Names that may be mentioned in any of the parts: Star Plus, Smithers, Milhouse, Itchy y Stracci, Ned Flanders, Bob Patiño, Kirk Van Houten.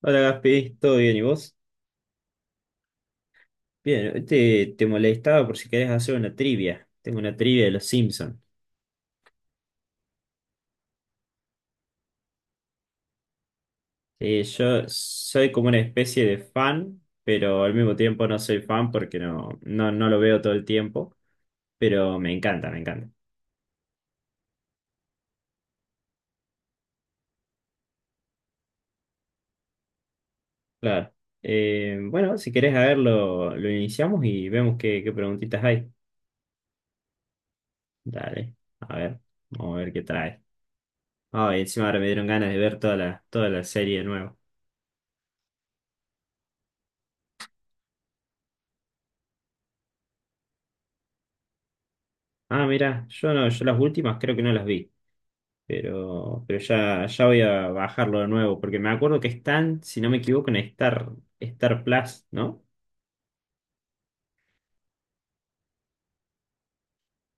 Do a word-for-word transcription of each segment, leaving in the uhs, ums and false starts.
Hola Gaspi, ¿todo bien y vos? Bien, te, te molestaba por si querés hacer una trivia. Tengo una trivia de los Simpsons. Yo soy como una especie de fan, pero al mismo tiempo no soy fan porque no, no, no lo veo todo el tiempo. Pero me encanta, me encanta. Claro. Eh, bueno, si querés a ver, lo, lo iniciamos y vemos qué, qué preguntitas hay. Dale, a ver, vamos a ver qué trae. Ah, y encima ahora me dieron ganas de ver toda la, toda la serie de nuevo. Ah, mira, yo no, yo las últimas creo que no las vi. Pero, pero ya, ya voy a bajarlo de nuevo, porque me acuerdo que están, si no me equivoco, en Star, Star Plus, ¿no?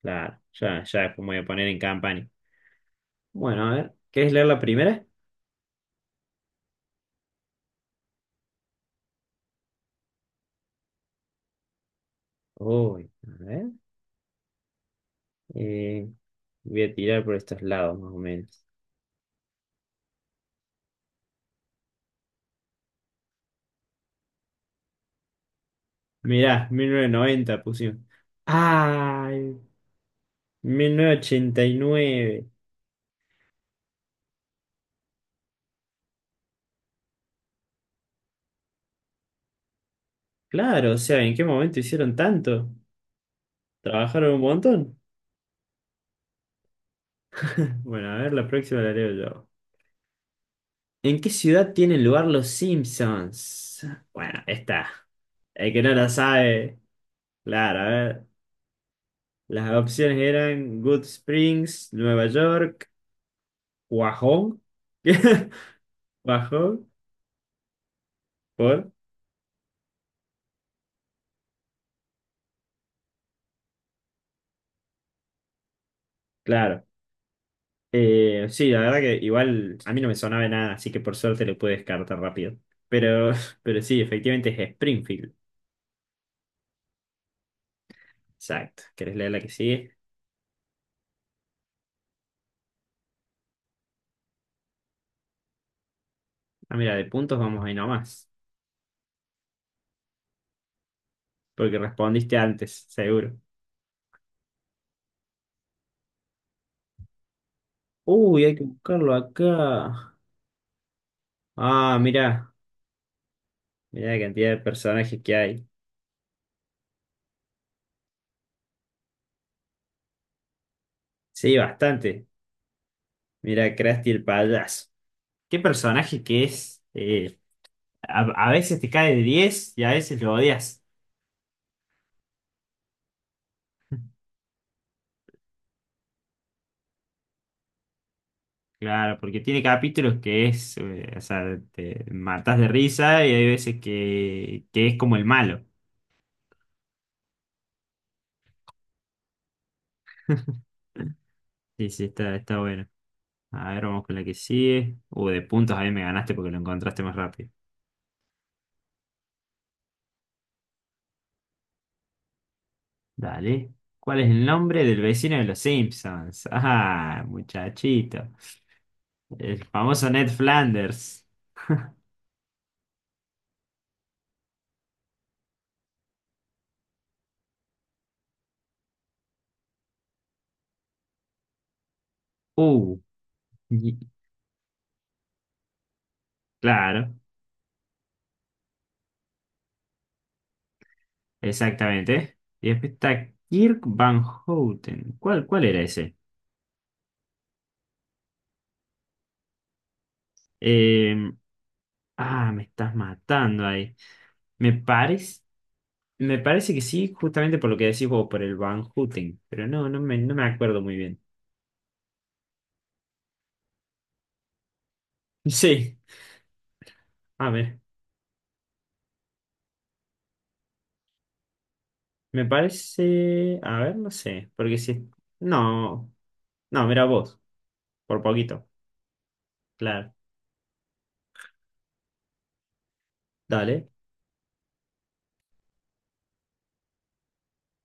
Claro, ya, ya después me voy a poner en campaña. Bueno, a ver, ¿quieres leer la primera? Uy, a ver. eh, Voy a tirar por estos lados, más o menos. Mirá, mil novecientos noventa pusimos. ¡Ay! Mil novecientos ochenta y nueve. Claro, o sea, ¿en qué momento hicieron tanto? ¿Trabajaron un montón? Bueno, a ver, la próxima la leo yo. ¿En qué ciudad tienen lugar los Simpsons? Bueno, esta. El que no la sabe. Claro, a ver. Las opciones eran Good Springs, Nueva York, Guajón. Guajón, por. Claro. Eh, sí, la verdad que igual a mí no me sonaba de nada, así que por suerte lo pude descartar rápido. Pero, pero sí, efectivamente es Springfield. Exacto. ¿Querés leer la que sigue? Ah, mira, de puntos vamos ahí nomás. Porque respondiste antes, seguro. Uy, hay que buscarlo acá. Ah, mira, mira la cantidad de personajes que hay. Sí, bastante. Mira, Krusty el payaso. Qué personaje que es. Eh, a, a veces te cae de diez y a veces lo odias. Claro, porque tiene capítulos que es, eh, o sea, te matas de risa y hay veces que, que, es como el malo. Sí, sí, está, está bueno. A ver, vamos con la que sigue. Uh, de puntos ahí me ganaste porque lo encontraste más rápido. Dale. ¿Cuál es el nombre del vecino de los Simpsons? Ah, muchachito. El famoso Ned Flanders. Uh, y- claro, exactamente. Y después está Kirk Van Houten. ¿Cuál, cuál era ese? Eh, ah, Me estás matando ahí. Me parece, me parece que sí, justamente por lo que decís vos, por el Van Houten. Pero no, no me, no me acuerdo muy bien. Sí, a ver. Me parece. A ver, no sé. Porque si. No. No, mira vos. Por poquito. Claro. Dale.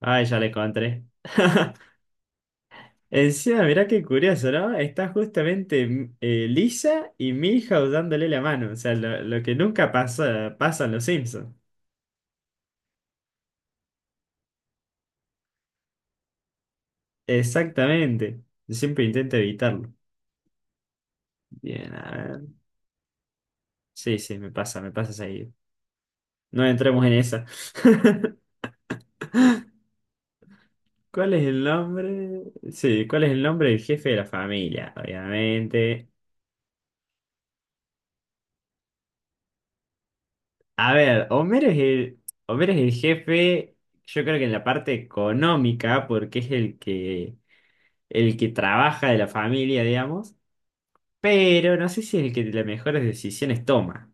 Ay, ya le encontré. Encima, mirá qué curioso, ¿no? Está justamente eh, Lisa y Milhouse dándole la mano. O sea, lo, lo que nunca pasa, pasa en los Simpsons. Exactamente. Yo siempre intento evitarlo. Bien, a ver. Sí, sí, me pasa, me pasa seguido. No entremos en esa. ¿Cuál es el nombre? Sí, ¿cuál es el nombre del jefe de la familia? Obviamente. A ver, Homero es el, Homero es el jefe, yo creo que en la parte económica, porque es el que, el que, trabaja de la familia, digamos, pero no sé si es el que las mejores decisiones toma.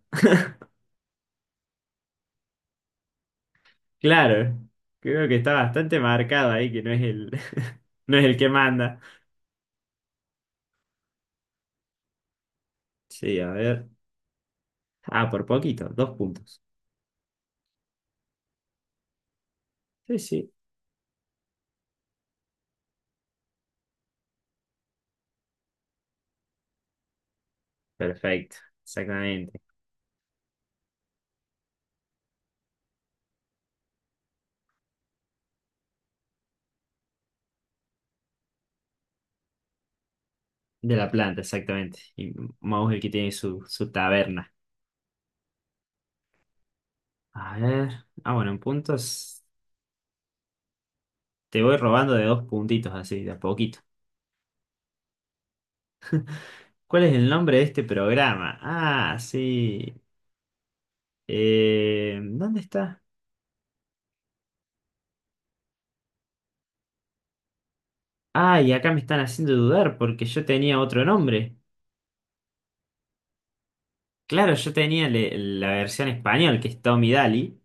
Claro, creo que está bastante marcado ahí que no es el, no es el que manda. Sí, a ver. Ah, por poquito, dos puntos. Sí, sí. Perfecto, exactamente. De la planta, exactamente. Y Mouse el que tiene su, su taberna. A ver. Ah, bueno, en puntos. Te voy robando de dos puntitos así, de a poquito. ¿Cuál es el nombre de este programa? Ah, sí. Eh, ¿dónde está? Ah, y acá me están haciendo dudar porque yo tenía otro nombre. Claro, yo tenía le- la versión español, que es Tommy Daly.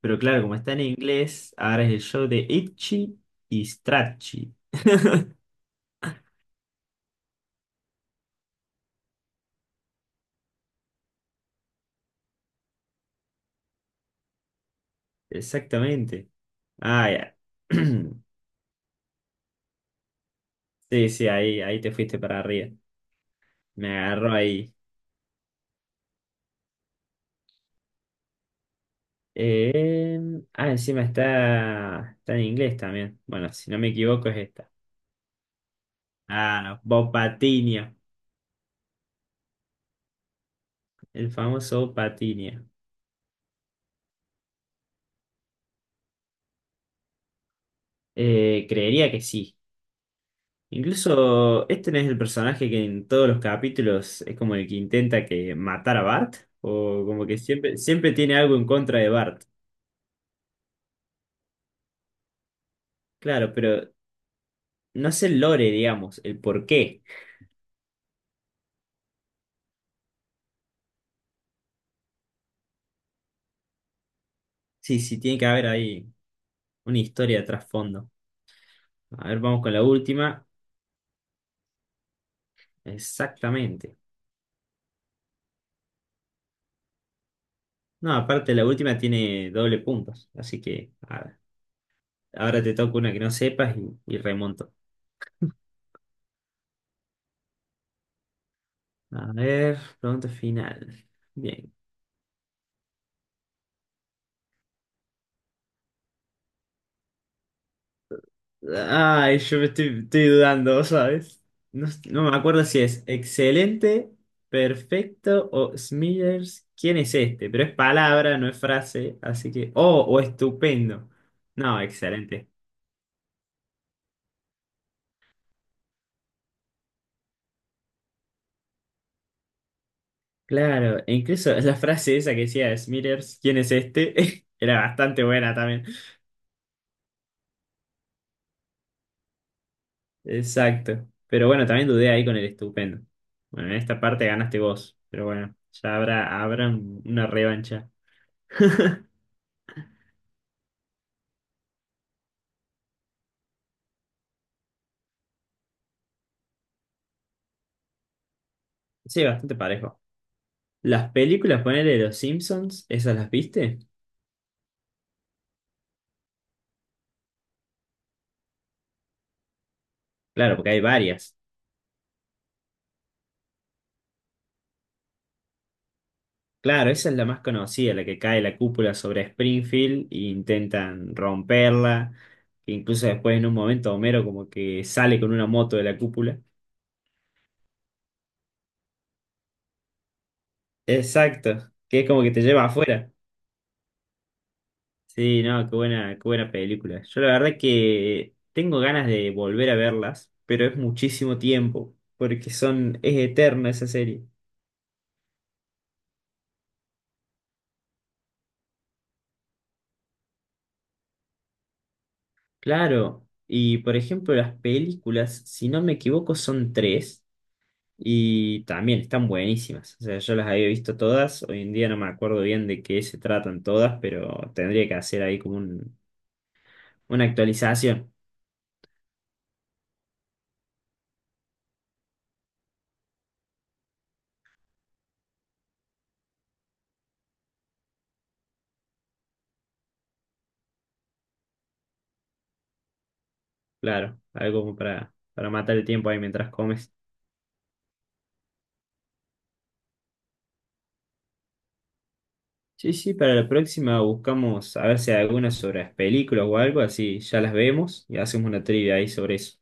Pero claro, como está en inglés, ahora es el show de Itchy y Stracci. Exactamente. Ah, ya. Sí, sí, ahí, ahí, te fuiste para arriba. Me agarró ahí. Eh, ah, Encima está, está en inglés también. Bueno, si no me equivoco es esta. Ah, no, Bob Patiño, el famoso Bob Patiño. Eh, creería que sí. Incluso este no es el personaje que en todos los capítulos es como el que intenta que matar a Bart, o como que siempre, siempre tiene algo en contra de Bart. Claro, pero no es el lore, digamos, el por qué. Sí, sí, tiene que haber ahí una historia de trasfondo. A ver, vamos con la última. Exactamente. No, aparte la última tiene doble puntos. Así que a ver, ahora te toca una que no sepas y, y remonto. A ver, pregunta final. Bien. Ay, yo me estoy, estoy dudando, ¿sabes? No, no me acuerdo si es excelente, perfecto o Smithers. ¿Quién es este? Pero es palabra, no es frase. Así que. Oh, o estupendo. No, excelente. Claro, e incluso la frase esa que decía Smithers, ¿quién es este? Era bastante buena también. Exacto. Pero bueno, también dudé ahí con el estupendo. Bueno, en esta parte ganaste vos, pero bueno, ya habrá, habrá un- una revancha. Sí, bastante parejo. Las películas, ponele de los Simpsons, ¿esas las viste? Claro, porque hay varias. Claro, esa es la más conocida, la que cae la cúpula sobre Springfield e intentan romperla. Que incluso después en un momento Homero como que sale con una moto de la cúpula. Exacto, que es como que te lleva afuera. Sí, no, qué buena, qué buena película. Yo la verdad que tengo ganas de volver a verlas, pero es muchísimo tiempo, porque son, es eterna esa serie. Claro, y por ejemplo las películas, si no me equivoco, son tres y también están buenísimas. O sea, yo las había visto todas, hoy en día no me acuerdo bien de qué se tratan todas, pero tendría que hacer ahí como un- una actualización, claro, algo como para, para matar el tiempo ahí mientras comes. Sí, sí, para la próxima buscamos a ver si hay algunas sobre las películas o algo, así ya las vemos y hacemos una trivia ahí sobre eso.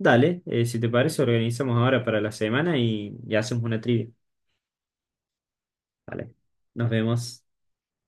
Dale, eh, si te parece, organizamos ahora para la semana y, y, hacemos una trivia. Vale, nos vemos.